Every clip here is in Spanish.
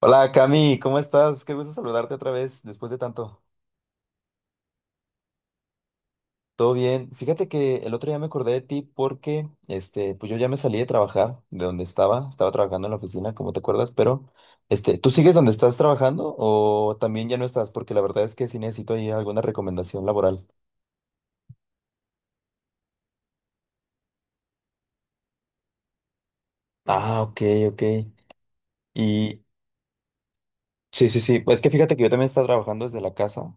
Hola Cami, ¿cómo estás? Qué gusto saludarte otra vez después de tanto. ¿Todo bien? Fíjate que el otro día me acordé de ti porque, pues yo ya me salí de trabajar de donde estaba, estaba trabajando en la oficina, como te acuerdas, pero, ¿tú sigues donde estás trabajando o también ya no estás? Porque la verdad es que sí necesito ahí alguna recomendación laboral. Ah, ok, ok. Y sí, sí, sí, pues es que fíjate que yo también estaba trabajando desde la casa,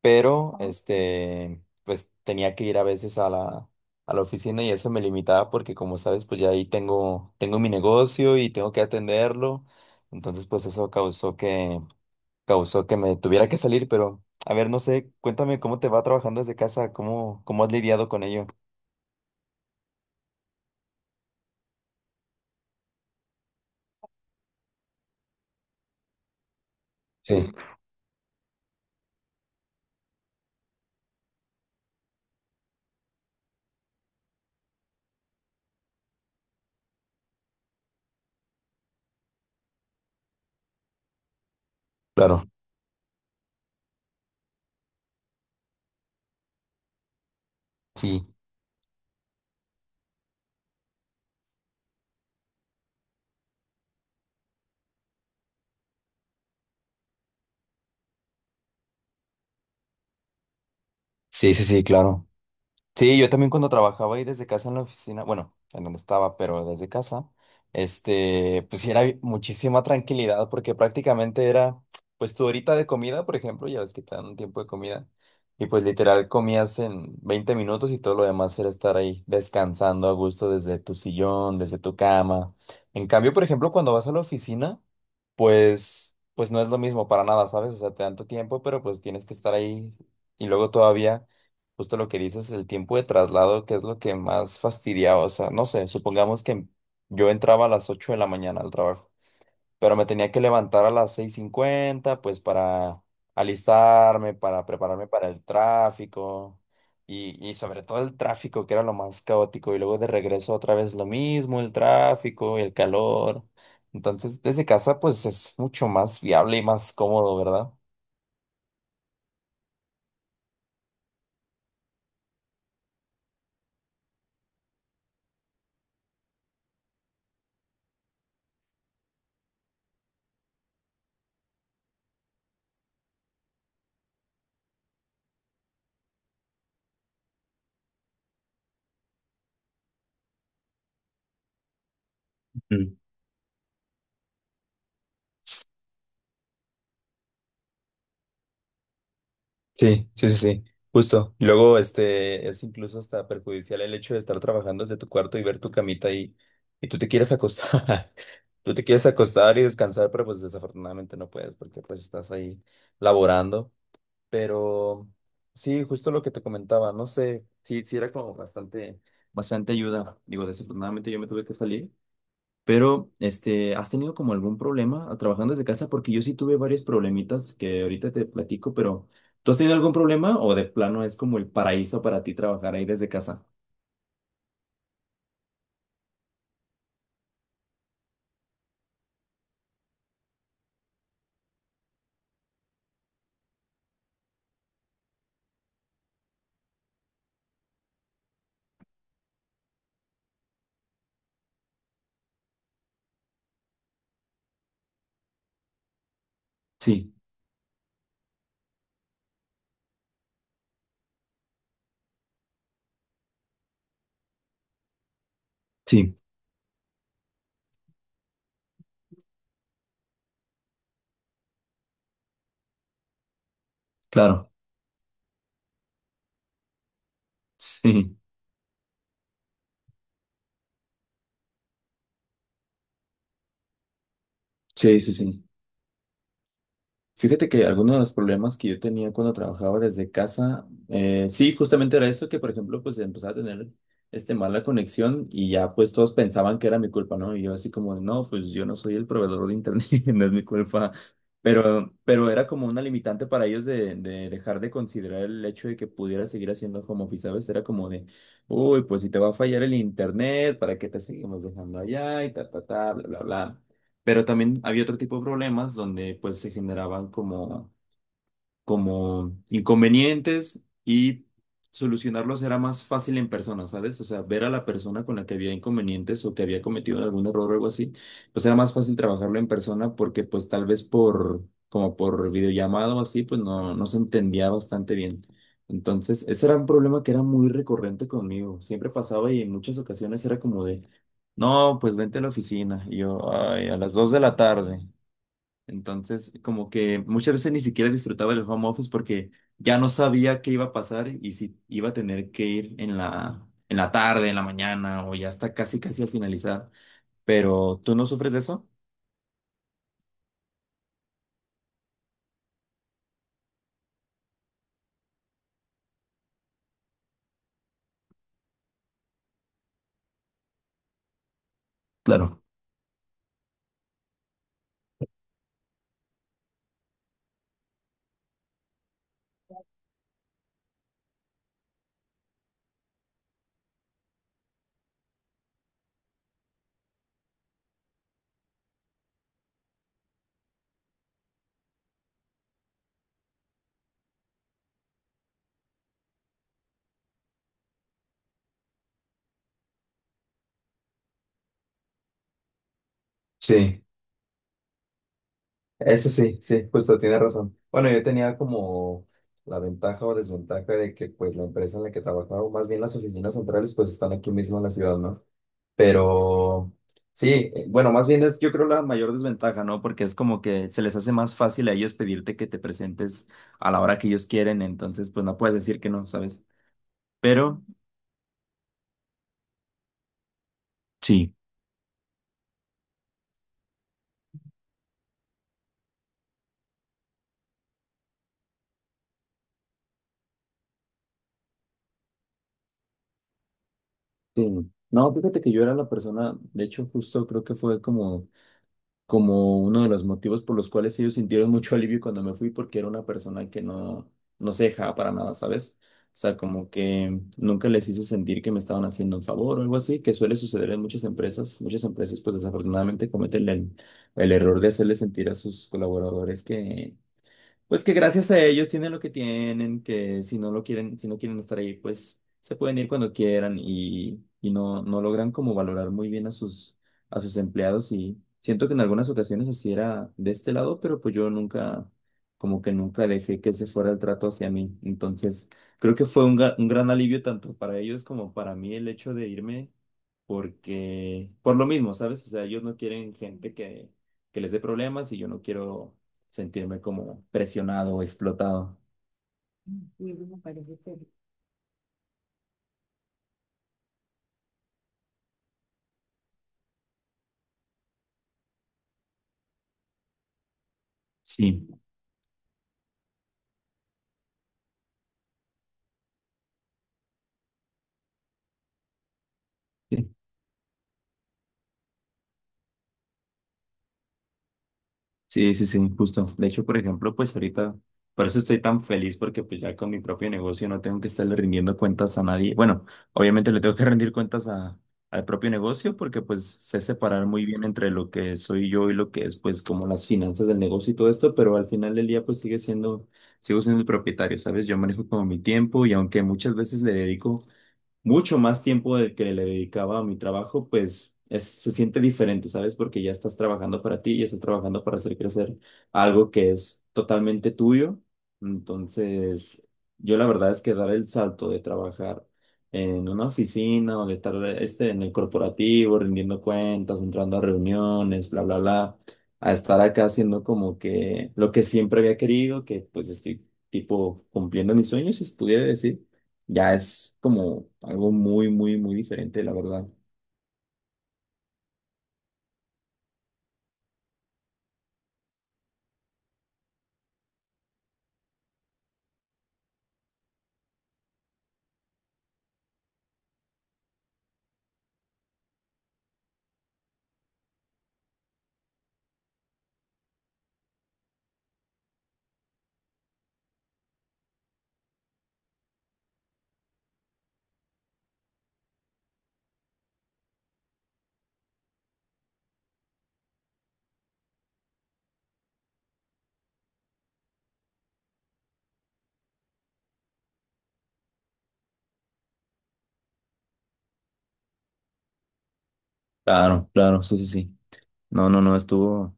pero pues tenía que ir a veces a la oficina y eso me limitaba porque como sabes, pues ya ahí tengo mi negocio y tengo que atenderlo, entonces pues eso causó que me tuviera que salir, pero a ver, no sé, cuéntame cómo te va trabajando desde casa, cómo has lidiado con ello. Sí, claro. Sí, sí, sí, sí, claro. Sí, yo también cuando trabajaba ahí desde casa en la oficina, bueno, en donde estaba, pero desde casa, pues sí era muchísima tranquilidad porque prácticamente era, pues tu horita de comida, por ejemplo, ya ves que te dan un tiempo de comida, y pues literal comías en 20 minutos y todo lo demás era estar ahí descansando a gusto desde tu sillón, desde tu cama. En cambio, por ejemplo, cuando vas a la oficina, pues no es lo mismo para nada, ¿sabes? O sea, te dan tu tiempo, pero pues tienes que estar ahí y luego todavía. Justo lo que dices, el tiempo de traslado, que es lo que más fastidiaba. O sea, no sé, supongamos que yo entraba a las 8 de la mañana al trabajo, pero me tenía que levantar a las 6:50 pues para alistarme, para prepararme para el tráfico y sobre todo el tráfico, que era lo más caótico. Y luego de regreso otra vez lo mismo, el tráfico, el calor. Entonces, desde casa, pues es mucho más viable y más cómodo, ¿verdad? Sí, sí, sí, sí, justo. Y luego, es incluso hasta perjudicial el hecho de estar trabajando desde tu cuarto y ver tu camita y tú te quieres acostar, tú te quieres acostar y descansar, pero pues desafortunadamente no puedes porque pues estás ahí laborando. Pero sí, justo lo que te comentaba, no sé, sí, sí era como bastante ayuda. Digo, desafortunadamente yo me tuve que salir, pero, ¿has tenido como algún problema trabajando desde casa? Porque yo sí tuve varios problemitas que ahorita te platico, pero ¿tú has tenido algún problema o de plano es como el paraíso para ti trabajar ahí desde casa? Sí, sí, claro. Sí, sí, sí, sí. Fíjate que algunos de los problemas que yo tenía cuando trabajaba desde casa, sí, justamente era eso, que por ejemplo, pues empezaba a tener mala conexión y ya pues todos pensaban que era mi culpa, ¿no? Y yo así como, no, pues yo no soy el proveedor de internet, no es mi culpa. Pero era como una limitante para ellos de dejar de considerar el hecho de que pudiera seguir haciendo home office, ¿sabes? Era como de, uy, pues si te va a fallar el internet, ¿para qué te seguimos dejando allá? Y ta, ta, ta, bla, bla, bla. Pero también había otro tipo de problemas donde pues se generaban como inconvenientes y solucionarlos era más fácil en persona, ¿sabes? O sea, ver a la persona con la que había inconvenientes o que había cometido algún error o algo así, pues era más fácil trabajarlo en persona porque pues tal vez como por videollamado o así, pues no, no se entendía bastante bien. Entonces, ese era un problema que era muy recurrente conmigo. Siempre pasaba y en muchas ocasiones era como de, no, pues vente a la oficina. Y yo, ay, a las 2 de la tarde. Entonces, como que muchas veces ni siquiera disfrutaba del home office porque ya no sabía qué iba a pasar y si iba a tener que ir en en la tarde, en la mañana o ya hasta casi al finalizar. Pero, ¿tú no sufres de eso? Claro, sí, eso sí, sí, justo tienes razón. Bueno, yo tenía como la ventaja o desventaja de que pues la empresa en la que trabajaba, o más bien las oficinas centrales, pues están aquí mismo en la ciudad, ¿no? Pero sí, bueno, más bien es yo creo la mayor desventaja, ¿no? Porque es como que se les hace más fácil a ellos pedirte que te presentes a la hora que ellos quieren, entonces pues no puedes decir que no, ¿sabes? Pero sí. Sí. No, fíjate que yo era la persona, de hecho justo creo que fue como uno de los motivos por los cuales ellos sintieron mucho alivio cuando me fui, porque era una persona que no, no se dejaba para nada, ¿sabes? O sea, como que nunca les hice sentir que me estaban haciendo un favor o algo así, que suele suceder en muchas empresas. Muchas empresas, pues desafortunadamente cometen el error de hacerle sentir a sus colaboradores que, pues que gracias a ellos tienen lo que tienen, que si no lo quieren, si no quieren estar ahí, pues se pueden ir cuando quieran y no, no logran como valorar muy bien a a sus empleados y siento que en algunas ocasiones así era de este lado, pero pues yo nunca, como que nunca dejé que ese fuera el trato hacia mí. Entonces, creo que fue un, un gran alivio tanto para ellos como para mí el hecho de irme porque, por lo mismo, ¿sabes? O sea, ellos no quieren gente que les dé problemas y yo no quiero sentirme como presionado o explotado. Sí, sí, sí, sí, sí, justo. De hecho, por ejemplo, pues ahorita, por eso estoy tan feliz porque pues ya con mi propio negocio no tengo que estarle rindiendo cuentas a nadie. Bueno, obviamente le tengo que rendir cuentas al propio negocio porque pues sé separar muy bien entre lo que soy yo y lo que es pues como las finanzas del negocio y todo esto, pero al final del día pues sigo siendo el propietario, ¿sabes? Yo manejo como mi tiempo y aunque muchas veces le dedico mucho más tiempo del que le dedicaba a mi trabajo, pues es, se siente diferente, ¿sabes? Porque ya estás trabajando para ti, ya estás trabajando para hacer crecer algo que es totalmente tuyo. Entonces, yo la verdad es que dar el salto de trabajar en una oficina o de estar en el corporativo, rindiendo cuentas, entrando a reuniones, bla, bla, bla, a estar acá haciendo como que lo que siempre había querido, que pues estoy tipo cumpliendo mis sueños, si se pudiera decir, ya es como algo muy, muy, muy diferente, la verdad. Claro, claro, sí, sí, sí. No, no, no, estuvo.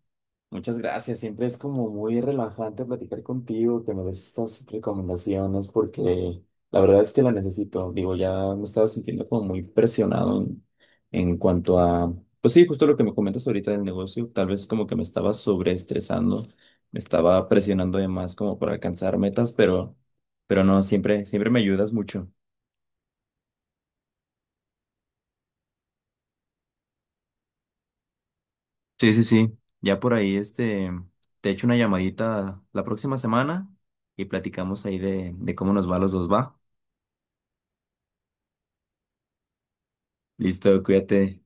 Muchas gracias, siempre es como muy relajante platicar contigo, que me des estas recomendaciones, porque la verdad es que la necesito. Digo, ya me estaba sintiendo como muy presionado en cuanto a, pues sí, justo lo que me comentas ahorita del negocio, tal vez como que me estaba sobreestresando, me estaba presionando de más como para alcanzar metas, pero no, siempre, siempre me ayudas mucho. Sí, sí, sí. Ya por ahí, te echo una llamadita la próxima semana y platicamos ahí de cómo nos va a los dos, ¿va? Listo, cuídate.